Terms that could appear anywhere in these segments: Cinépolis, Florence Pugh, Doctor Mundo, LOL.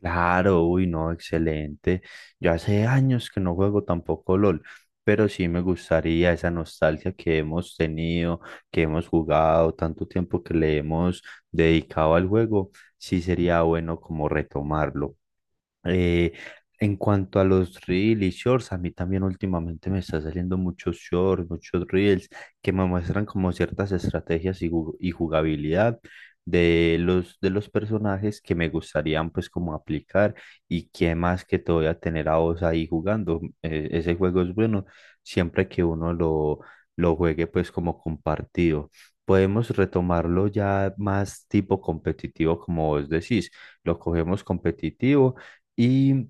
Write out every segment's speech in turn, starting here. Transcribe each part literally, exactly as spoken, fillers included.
Claro, uy, no, excelente. Yo hace años que no juego tampoco LOL, pero sí me gustaría esa nostalgia que hemos tenido, que hemos jugado, tanto tiempo que le hemos dedicado al juego. Sí sería bueno como retomarlo. Eh, en cuanto a los reels y shorts, a mí también últimamente me está saliendo muchos shorts, muchos reels que me muestran como ciertas estrategias y, ju- y jugabilidad de los, de los personajes que me gustarían pues como aplicar, y que más que todo ya tener a vos ahí jugando. Eh, ese juego es bueno siempre que uno lo, lo juegue pues como compartido. Podemos retomarlo ya más tipo competitivo, como vos decís, lo cogemos competitivo y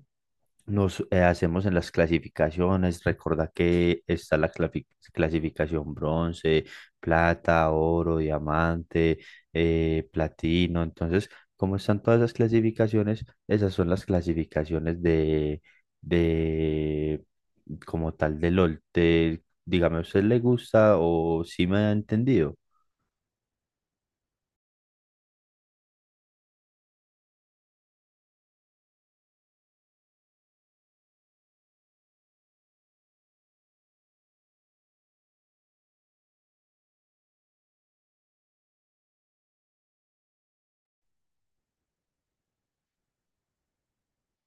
nos eh, hacemos en las clasificaciones. Recuerda que está la clafi- clasificación bronce, plata, oro, diamante, eh, platino. Entonces, como están todas esas clasificaciones? Esas son las clasificaciones de, de como tal de LOL. Te- dígame, ¿a usted le gusta o si me ha entendido?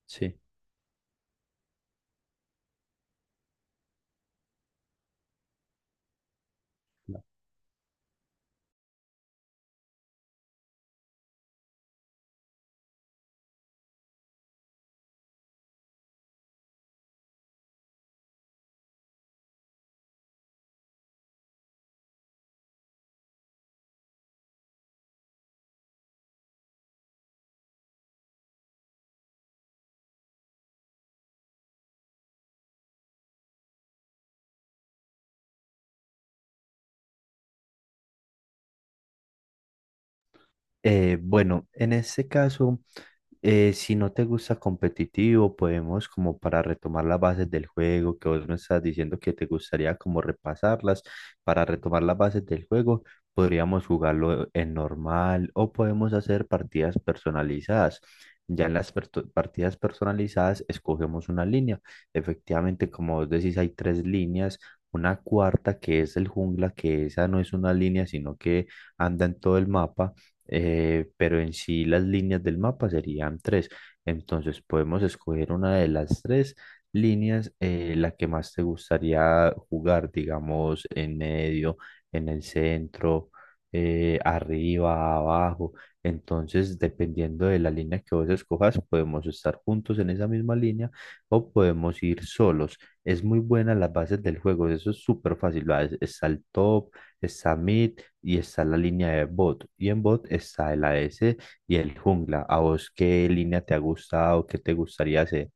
Sí. Eh, bueno, en este caso. Eh, si no te gusta competitivo, podemos como para retomar las bases del juego, que vos me estás diciendo que te gustaría como repasarlas, para retomar las bases del juego, podríamos jugarlo en normal o podemos hacer partidas personalizadas. Ya en las perto- partidas personalizadas escogemos una línea. Efectivamente, como vos decís, hay tres líneas. Una cuarta que es el jungla, que esa no es una línea, sino que anda en todo el mapa, eh, pero en sí las líneas del mapa serían tres. Entonces podemos escoger una de las tres líneas, eh, la que más te gustaría jugar, digamos, en medio, en el centro, eh, arriba, abajo. Entonces, dependiendo de la línea que vos escojas, podemos estar juntos en esa misma línea o podemos ir solos. Es muy buena las bases del juego, eso es súper fácil. Va, es- está el top, está mid, y está la línea de bot. Y en bot está el A S y el jungla. ¿A vos qué línea te ha gustado? ¿Qué te gustaría hacer?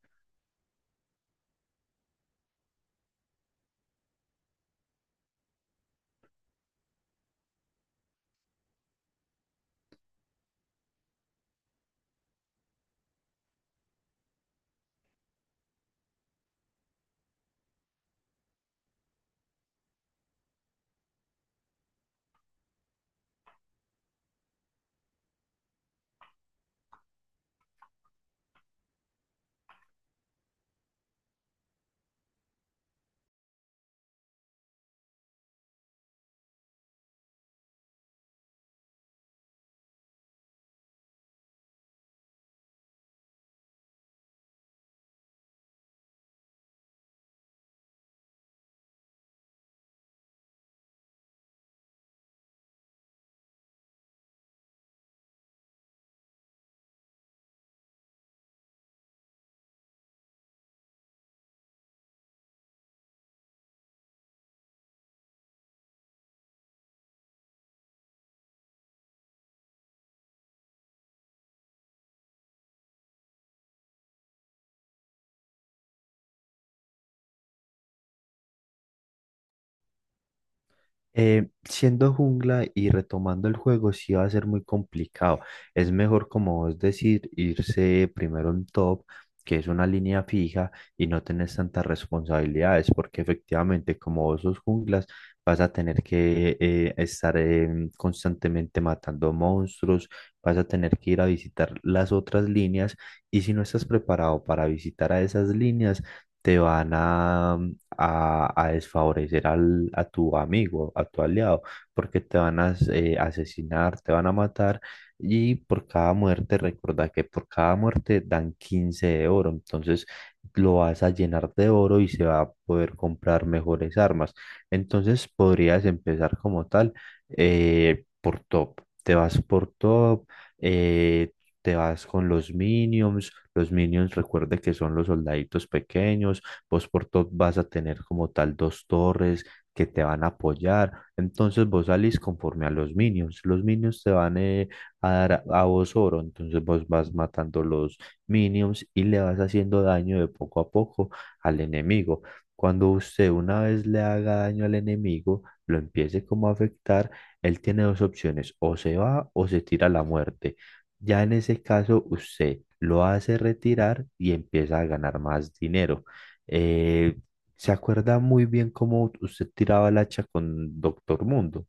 Eh, siendo jungla y retomando el juego, sí va a ser muy complicado. Es mejor, como vos decir, irse primero en top, que es una línea fija y no tenés tantas responsabilidades, porque efectivamente, como vos sos junglas, vas a tener que eh, estar em, constantemente matando monstruos, vas a tener que ir a visitar las otras líneas, y si no estás preparado para visitar a esas líneas, te van a a, a desfavorecer al, a tu amigo, a tu aliado, porque te van a eh, asesinar, te van a matar, y por cada muerte, recuerda que por cada muerte dan quince de oro, entonces lo vas a llenar de oro y se va a poder comprar mejores armas. Entonces podrías empezar como tal eh, por top, te vas por top, eh, te vas con los minions. Los minions recuerda que son los soldaditos pequeños. Vos por top vas a tener como tal dos torres que te van a apoyar, entonces vos salís conforme a los minions, los minions te van eh, a dar a vos oro, entonces vos vas matando los minions y le vas haciendo daño de poco a poco al enemigo. Cuando usted una vez le haga daño al enemigo, lo empiece como a afectar, él tiene dos opciones, o se va o se tira a la muerte. Ya en ese caso, usted lo hace retirar y empieza a ganar más dinero. Eh, se acuerda muy bien cómo usted tiraba el hacha con Doctor Mundo.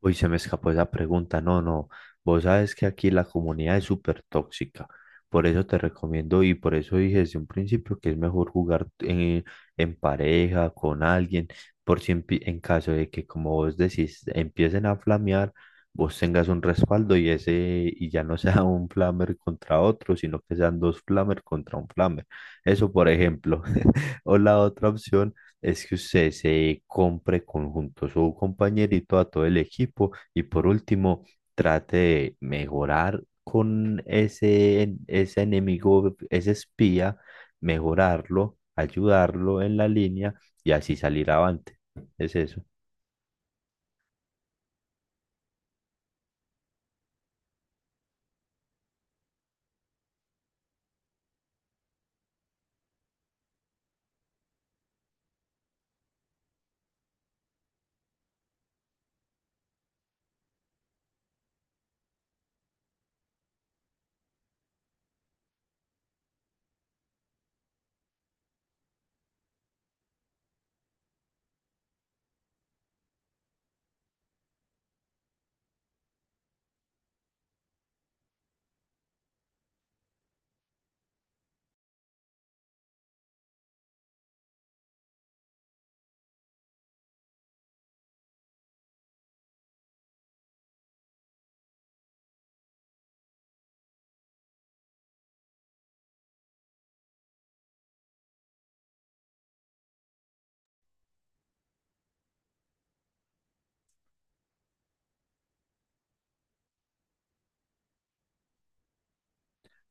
Uy, se me escapó esa pregunta. No, no. Vos sabes que aquí la comunidad es súper tóxica. Por eso te recomiendo y por eso dije desde un principio que es mejor jugar en, en pareja, con alguien, por si en, pi- en caso de que, como vos decís, empiecen a flamear, vos tengas un respaldo y ese, y ya no sea un flamer contra otro, sino que sean dos flamer contra un flamer. Eso, por ejemplo. O la otra opción es que usted se compre conjunto su compañerito a todo el equipo y, por último, trate de mejorar con ese, en- ese enemigo, ese espía, mejorarlo, ayudarlo en la línea y así salir avante. Es eso.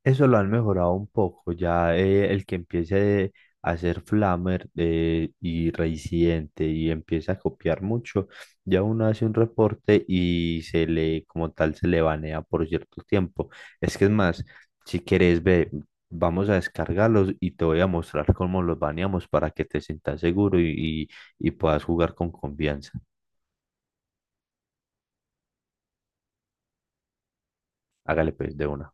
Eso lo han mejorado un poco. Ya eh, el que empiece a hacer Flammer eh, y Reincidente y empieza a copiar mucho, ya uno hace un reporte y se le, como tal, se le banea por cierto tiempo. Es que es más, si quieres, ve, vamos a descargarlos y te voy a mostrar cómo los baneamos para que te sientas seguro y, y y puedas jugar con confianza. Hágale pues de una.